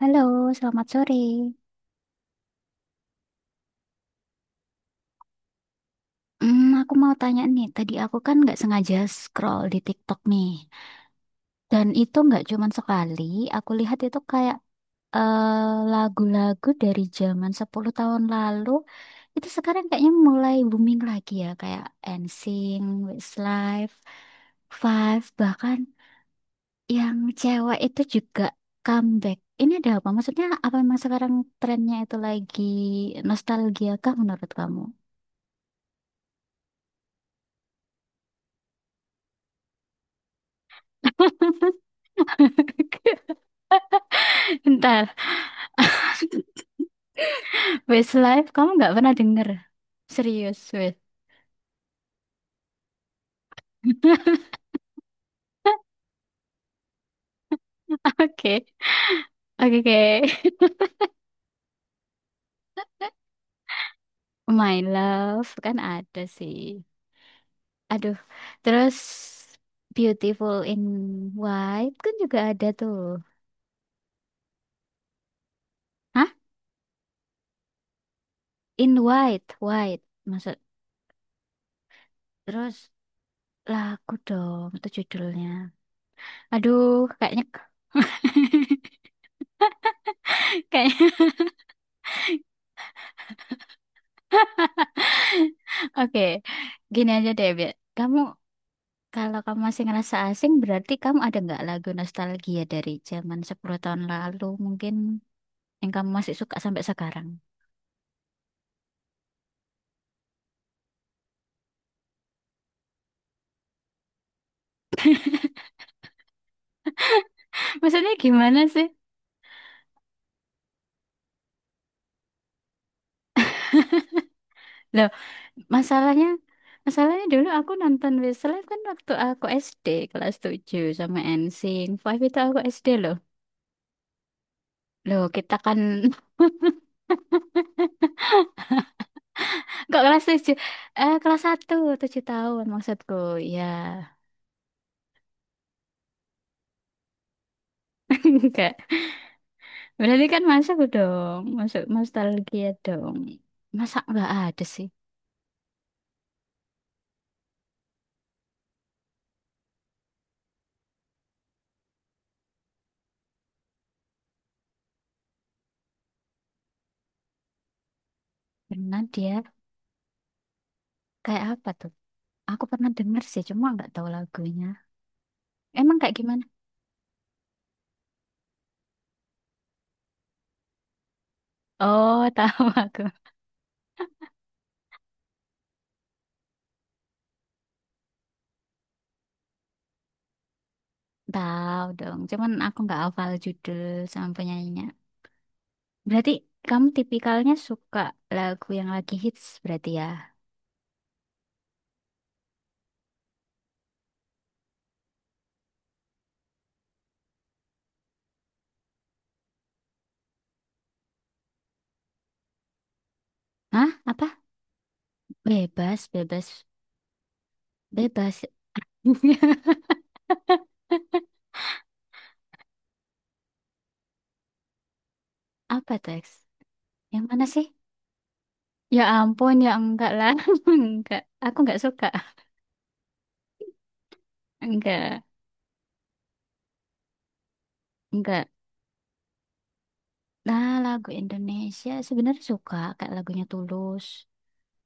Halo, selamat sore. Aku mau tanya nih, tadi aku kan nggak sengaja scroll di TikTok nih. Dan itu nggak cuman sekali, aku lihat itu kayak eh, lagu-lagu dari zaman 10 tahun lalu, itu sekarang kayaknya mulai booming lagi ya, kayak NSYNC, Westlife, Five, bahkan yang cewek itu juga comeback. Ini ada apa? Maksudnya apa memang sekarang trennya itu lagi nostalgia kah menurut kamu? Bentar, Westlife, kamu nggak pernah denger? Serius, wes. Oke, oke, oke. My Love kan ada sih. Aduh, terus Beautiful in White kan juga ada tuh. Hah? In White, White. Maksud terus, lagu dong itu judulnya. Aduh, kayaknya kayaknya oke. Gini aja deh, biar kamu, kalau kamu masih ngerasa asing, berarti kamu ada nggak lagu nostalgia dari zaman 10 tahun lalu mungkin yang kamu masih suka sampai sekarang? Maksudnya gimana sih? Loh, masalahnya masalahnya dulu aku nonton Westlife kan waktu aku SD kelas 7 sama NSYNC. Five itu aku SD loh. Loh, kita kan kok kelas 7? Eh, kelas 1, 7 tahun maksudku. Ya. Enggak. Berarti kan masuk dong. Masuk nostalgia dong. Masa nggak ada sih? Pernah dia kayak apa tuh? Aku pernah denger sih, cuma nggak tahu lagunya. Emang kayak gimana? Oh, tahu aku. Tahu dong, cuman aku nggak hafal judul sama penyanyinya. Berarti kamu tipikalnya suka lagu yang lagi hits berarti ya? Hah? Apa? Bebas, bebas, bebas. Apa teks? Yang mana sih? Ya ampun, ya enggak lah. Enggak. Aku enggak suka. Enggak. Enggak. Nah, lagu Indonesia sebenarnya suka kayak lagunya Tulus.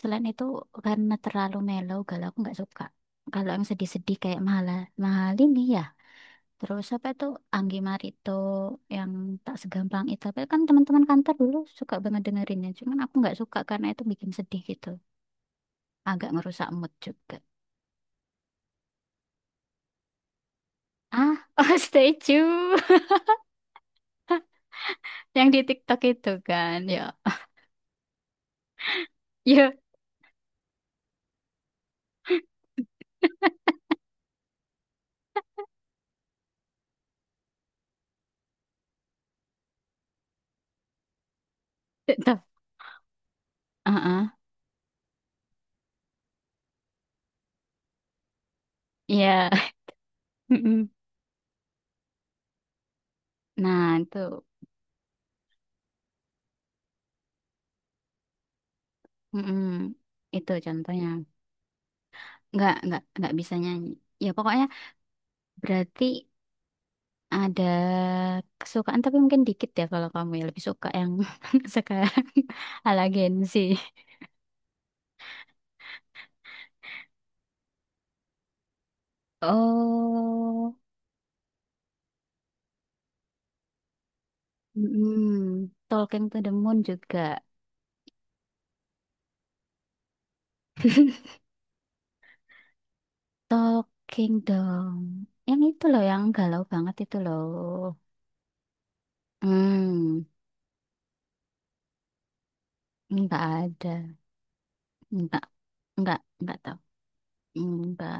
Selain itu karena terlalu mellow galau aku nggak suka. Kalau yang sedih-sedih kayak Mahalini ya. Terus apa itu Anggi Marito yang tak segampang itu. Tapi kan teman-teman kantor dulu suka banget dengerinnya. Cuman aku nggak suka karena itu bikin sedih gitu. Agak ngerusak mood juga. Ah, oh statue yang di TikTok itu kan. Ya, ya, tetap. Ah, ah. Iya. Mm-mm. Nah, itu. Mm-mm. Itu contohnya. Nggak bisa nyanyi. Ya pokoknya berarti ada kesukaan tapi mungkin dikit ya kalau kamu, ya lebih suka yang sekarang ala Gen Z. Oh, mm-mm. Talking to the Moon juga. Talking dong. Yang itu loh, yang galau banget itu loh. Hmm, nggak ada. Nggak, nggak tahu. Hmm, nggak,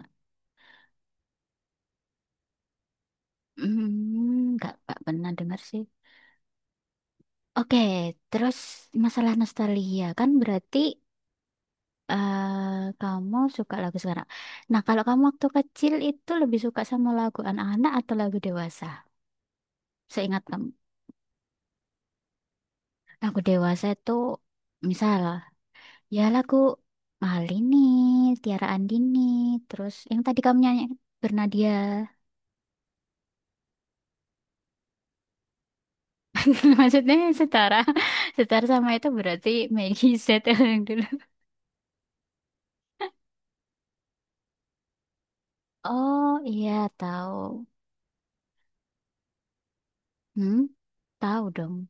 hmm, nggak pernah dengar sih. Oke, terus masalah nostalgia kan berarti eh, kamu suka lagu sekarang. Nah, kalau kamu waktu kecil itu lebih suka sama lagu anak-anak atau lagu dewasa? Seingat kamu, lagu dewasa itu misal ya lagu Malini, Tiara Andini, terus yang tadi kamu nyanyi Bernadia. Maksudnya setara, setara sama itu berarti Meggy Z yang dulu. Oh iya tahu, hmm tahu dong,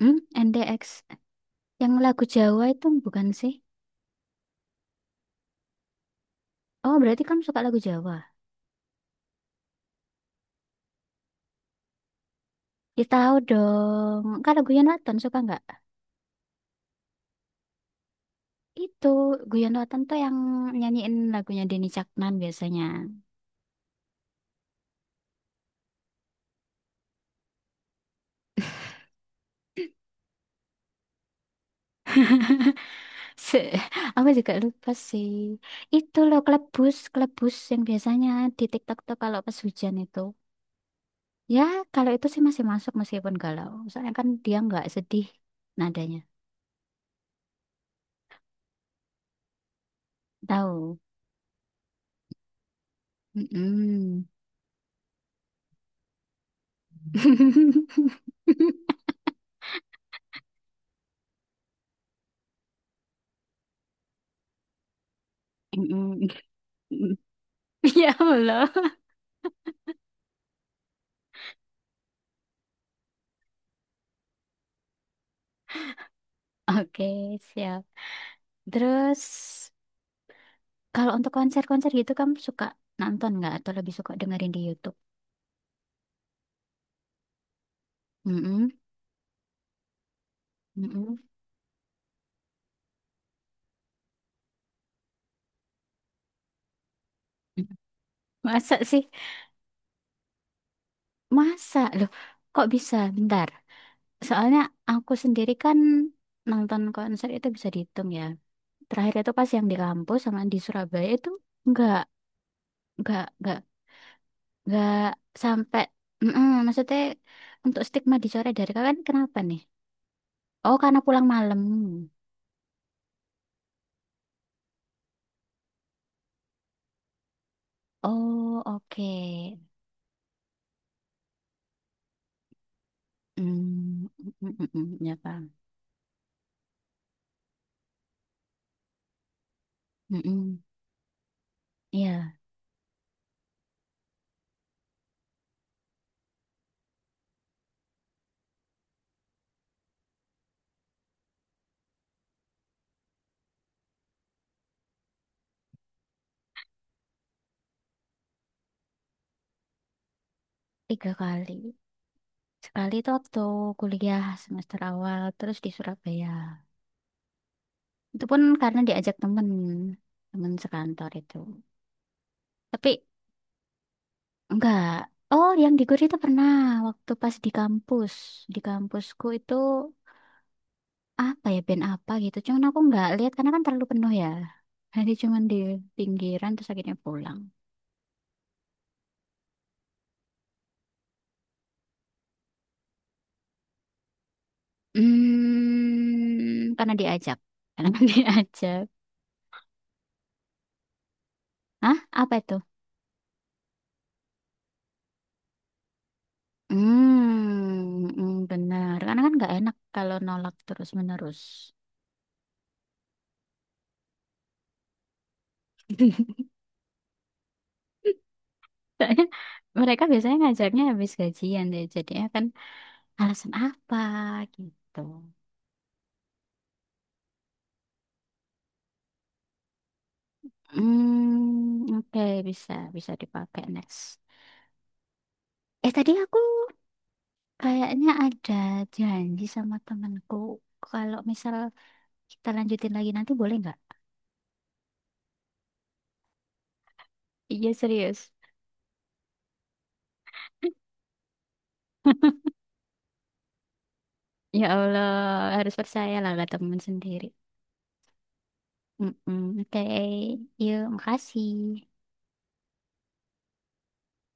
hmm NDX. Yang lagu Jawa itu bukan sih? Oh, berarti kamu suka lagu Jawa? Ya tahu dong. Kalau Guyon Waton suka nggak? Itu Guyon Waton tuh yang nyanyiin lagunya Denny Caknan biasanya. Se aku juga lupa sih. Itu loh kelebus, kelebus yang biasanya di TikTok tuh kalau pas hujan itu. Ya, kalau itu sih masih masuk meskipun galau. Soalnya kan dia nggak sedih nadanya. Tahu. Mm-mm. Mm-mm. Ya Allah. Oke, siap. Terus kalau untuk konser-konser gitu kamu suka nonton nggak atau lebih suka dengerin di YouTube? Mm-mm, mm-mm. Masa sih? Masa? Loh, kok bisa? Bentar. Soalnya aku sendiri kan nonton konser itu bisa dihitung ya. Terakhir itu pas yang di kampus sama di Surabaya itu nggak, nggak, nggak, nggak sampai. Mm-mm, maksudnya untuk stigma dicoret dari kalian kenapa nih? Oh, karena pulang malam. Oh, oke. Hmm, mm, mm, mm, ya Bang. Mm, mm. Iya, 3 kali. Sekali itu waktu kuliah semester awal, terus di Surabaya. Itu pun karena diajak temen, temen sekantor itu. Tapi enggak. Oh, yang di Gori itu pernah waktu pas di kampus. Di kampusku itu apa ya, band apa gitu. Cuman aku enggak lihat karena kan terlalu penuh ya. Jadi cuman di pinggiran terus akhirnya pulang. Hmm, karena diajak. Karena diajak. Hah? Apa itu? Hmm, mm, benar. Karena kan nggak enak kalau nolak terus-menerus. Soalnya mereka biasanya ngajaknya habis gajian deh. Jadinya kan alasan apa gitu. Hmm, oke, bisa bisa dipakai next. Eh tadi aku kayaknya ada janji sama temanku. Kalau misal kita lanjutin lagi nanti boleh nggak? Iya serius. Ya Allah, harus percayalah ke teman sendiri. Mm-mm. Oke, yuk, makasih.